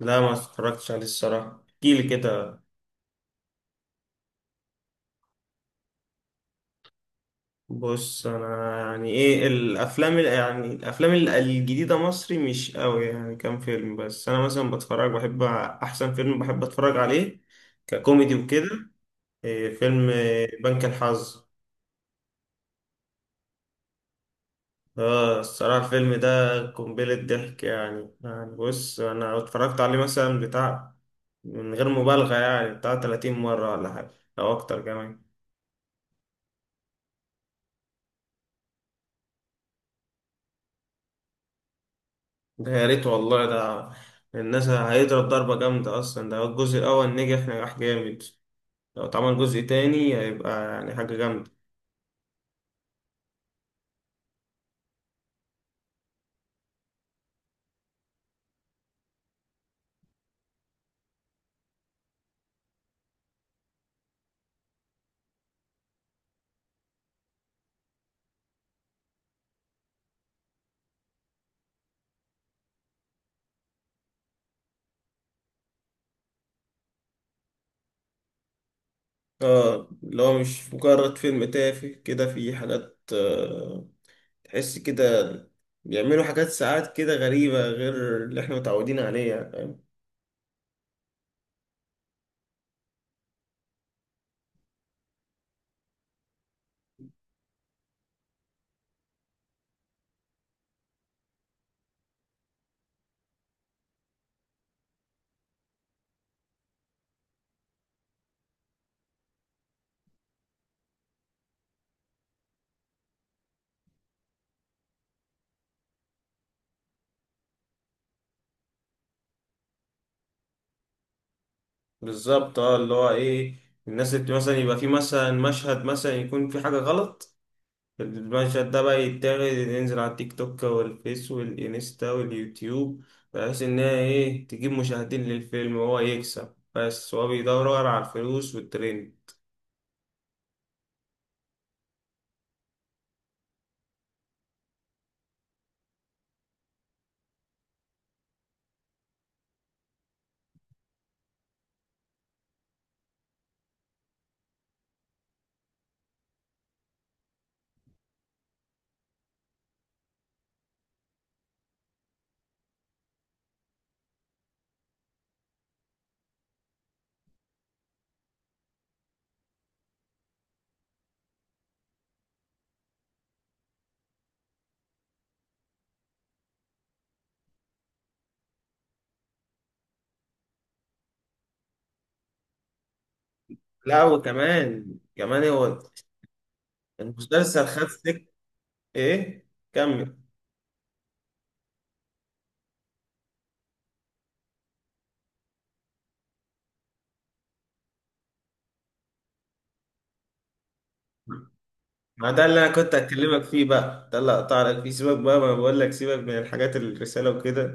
لا ما اتفرجتش عليه الصراحة، احكيلي كده. بص انا يعني ايه الافلام ال- يعني الافلام الجديدة مصري مش قوي، يعني كام فيلم بس. انا مثلا بتفرج، بحب احسن فيلم بحب اتفرج عليه ككوميدي وكده. إيه فيلم إيه؟ بنك الحظ. اه الصراحة الفيلم ده قنبلة ضحك، يعني بص انا اتفرجت عليه مثلا بتاع، من غير مبالغة يعني، بتاع 30 مرة ولا حاجة او اكتر كمان. ده يا ريت والله، ده الناس هيضرب ضربة جامدة، أصلا ده الجزء الأول نجح نجاح جامد، لو اتعمل جزء تاني هيبقى يعني حاجة جامدة. اه اللي هو مش مجرد فيلم تافه كده، في حاجات تحس كده، بيعملوا حاجات ساعات كده غريبة غير اللي احنا متعودين عليها. بالظبط اه، اللي هو ايه، الناس اللي مثلا يبقى في مثلا مشهد مثلا يكون في حاجة غلط، المشهد ده بقى يتاخد ينزل على التيك توك والفيس والإنستا واليوتيوب، بحيث إن هي إيه تجيب مشاهدين للفيلم وهو يكسب، بس هو بيدور على الفلوس والترند. لا، وكمان هو المسلسل خد سك. إيه، كمل. ما ده اللي انا كنت هكلمك فيه بقى، ده اللي هقطع لك فيه. سيبك بقى، ما بقول لك سيبك من الحاجات، الرساله وكده.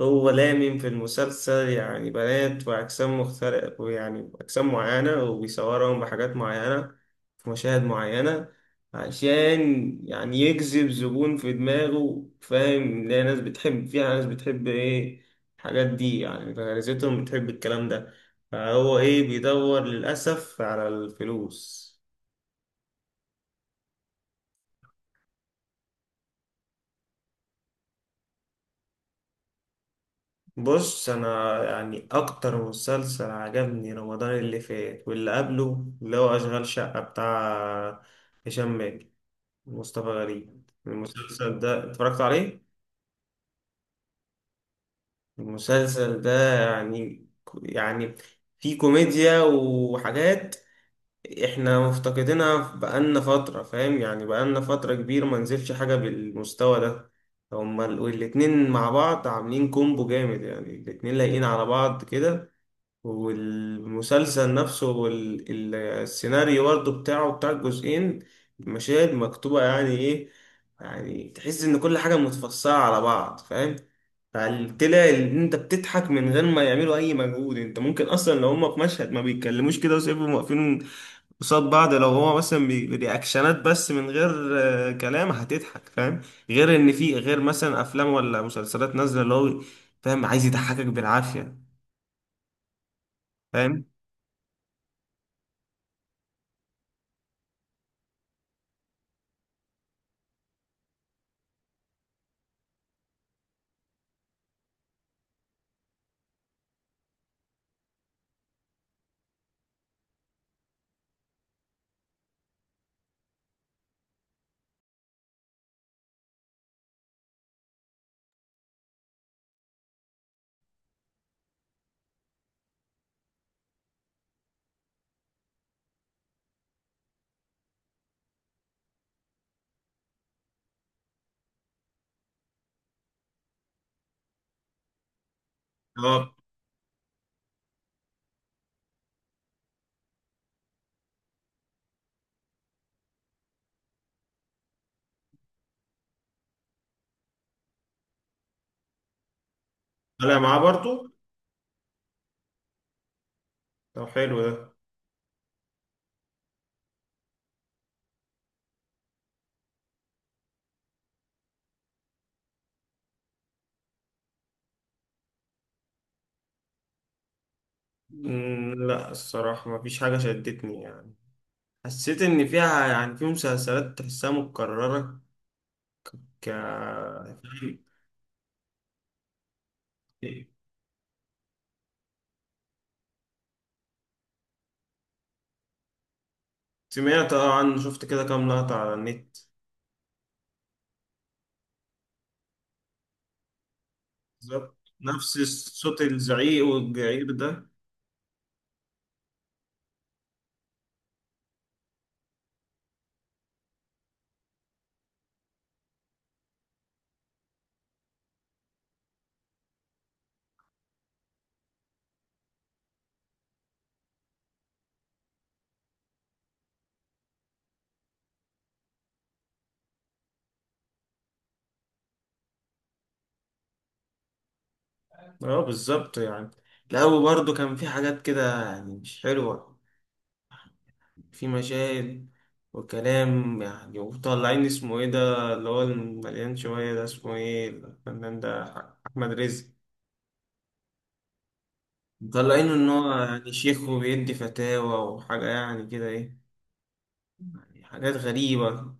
هو لامم في المسلسل يعني بنات واجسام مختلفه، ويعني اجسام معينه وبيصورهم بحاجات معينه في مشاهد معينه، عشان يعني يجذب زبون في دماغه، فاهم؟ لا ناس بتحب فيها، ناس بتحب ايه الحاجات دي، يعني غريزتهم بتحب الكلام ده. فهو ايه، بيدور للاسف على الفلوس. بص انا يعني اكتر مسلسل عجبني رمضان اللي فات واللي قبله اللي هو اشغال شقة، بتاع هشام ماجد ومصطفى غريب. المسلسل ده اتفرجت عليه. المسلسل ده يعني يعني فيه كوميديا وحاجات احنا مفتقدينها بقالنا فترة، فاهم؟ يعني بقالنا فترة كبيرة ما نزلش حاجة بالمستوى ده. هما الاتنين مع بعض عاملين كومبو جامد، يعني الاتنين لايقين على بعض كده، والمسلسل نفسه والسيناريو برضه بتاعه بتاع الجزئين مشاهد مكتوبة، يعني ايه، يعني تحس ان كل حاجة متفصلة على بعض، فاهم؟ فطلع ان انت بتضحك من غير ما يعملوا اي مجهود. انت ممكن اصلا لو هما في مشهد ما بيتكلموش كده وسيبهم واقفين قصاد بعض، لو هو مثلا برياكشنات بس من غير كلام، هتضحك، فاهم؟ غير ان في غير مثلا افلام ولا مسلسلات نازلة اللي هو فاهم عايز يضحكك بالعافية. فاهم. طالع معاه برضو. طب حلو ده. مم، لا الصراحة ما فيش حاجة شدتني، يعني حسيت إن فيها، يعني في مسلسلات تحسها متكررة ك سمعت اه عنه، شفت كده كام لقطة على النت. بالظبط نفس صوت الزعيق والجعير ده. اه بالظبط يعني، لا وبرضه كان في حاجات كده يعني مش حلوة، في مشاهد وكلام يعني، وطالعين اسمه ايه ده اللي هو المليان شوية ده، اسمه ايه الفنان ده؟ أحمد رزق، مطلعينه إن هو يعني شيخ وبيدي فتاوى وحاجة يعني كده، إيه يعني حاجات غريبة.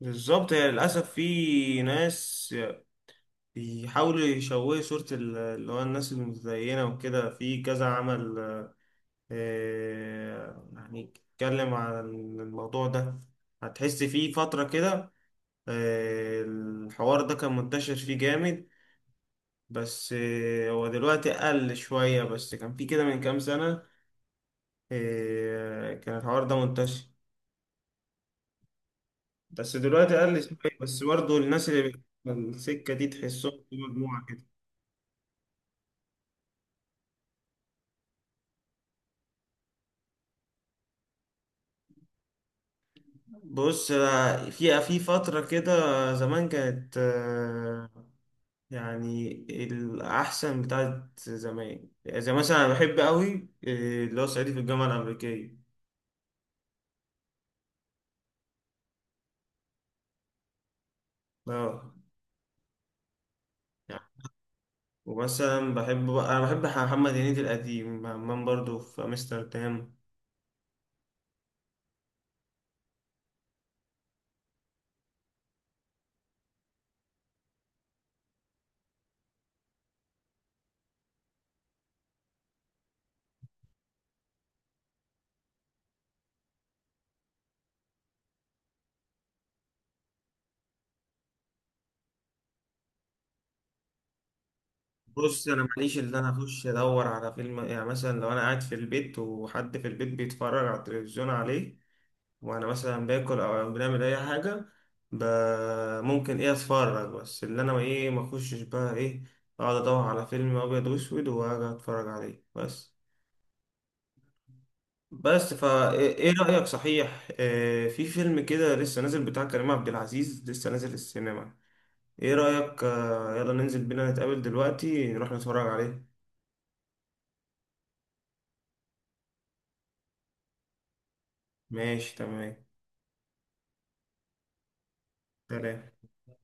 بالظبط، يعني للأسف في ناس بيحاولوا يشوهوا صورة اللي هو الناس المتدينة وكده في كذا عمل. يعني اتكلم عن الموضوع ده، هتحس في فترة كده الحوار ده كان منتشر فيه جامد، بس هو دلوقتي قل شوية، بس كان فيه كده من كام سنة كان الحوار ده منتشر، بس دلوقتي قل شوية، بس برضه الناس اللي في السكة دي تحسهم في مجموعة كده. بص في فترة كده زمان كانت يعني الأحسن بتاعت زمان، زي مثلا أنا بحب أوي اللي هو صعيدي في الجامعة الأمريكية. اه، ومثلا بحب بقى، أنا بحب محمد هنيدي القديم، همام برضو في أمستردام. بص أنا ماليش، اللي أنا أخش أدور على فيلم، يعني مثلا لو أنا قاعد في البيت وحد في البيت بيتفرج على التلفزيون عليه وأنا مثلا باكل أو بنعمل أي حاجة، ب... ممكن إيه أتفرج، بس اللي أنا إيه ما أخشش بقى إيه أقعد أدور على فيلم أبيض وأسود وأقعد أتفرج عليه بس. بس فا ايه، إيه رأيك صحيح في فيلم كده لسه نازل بتاع كريم عبد العزيز لسه نازل السينما، ايه رأيك يلا ننزل بينا نتقابل دلوقتي نروح نتفرج عليه. ماشي تمام. سلام.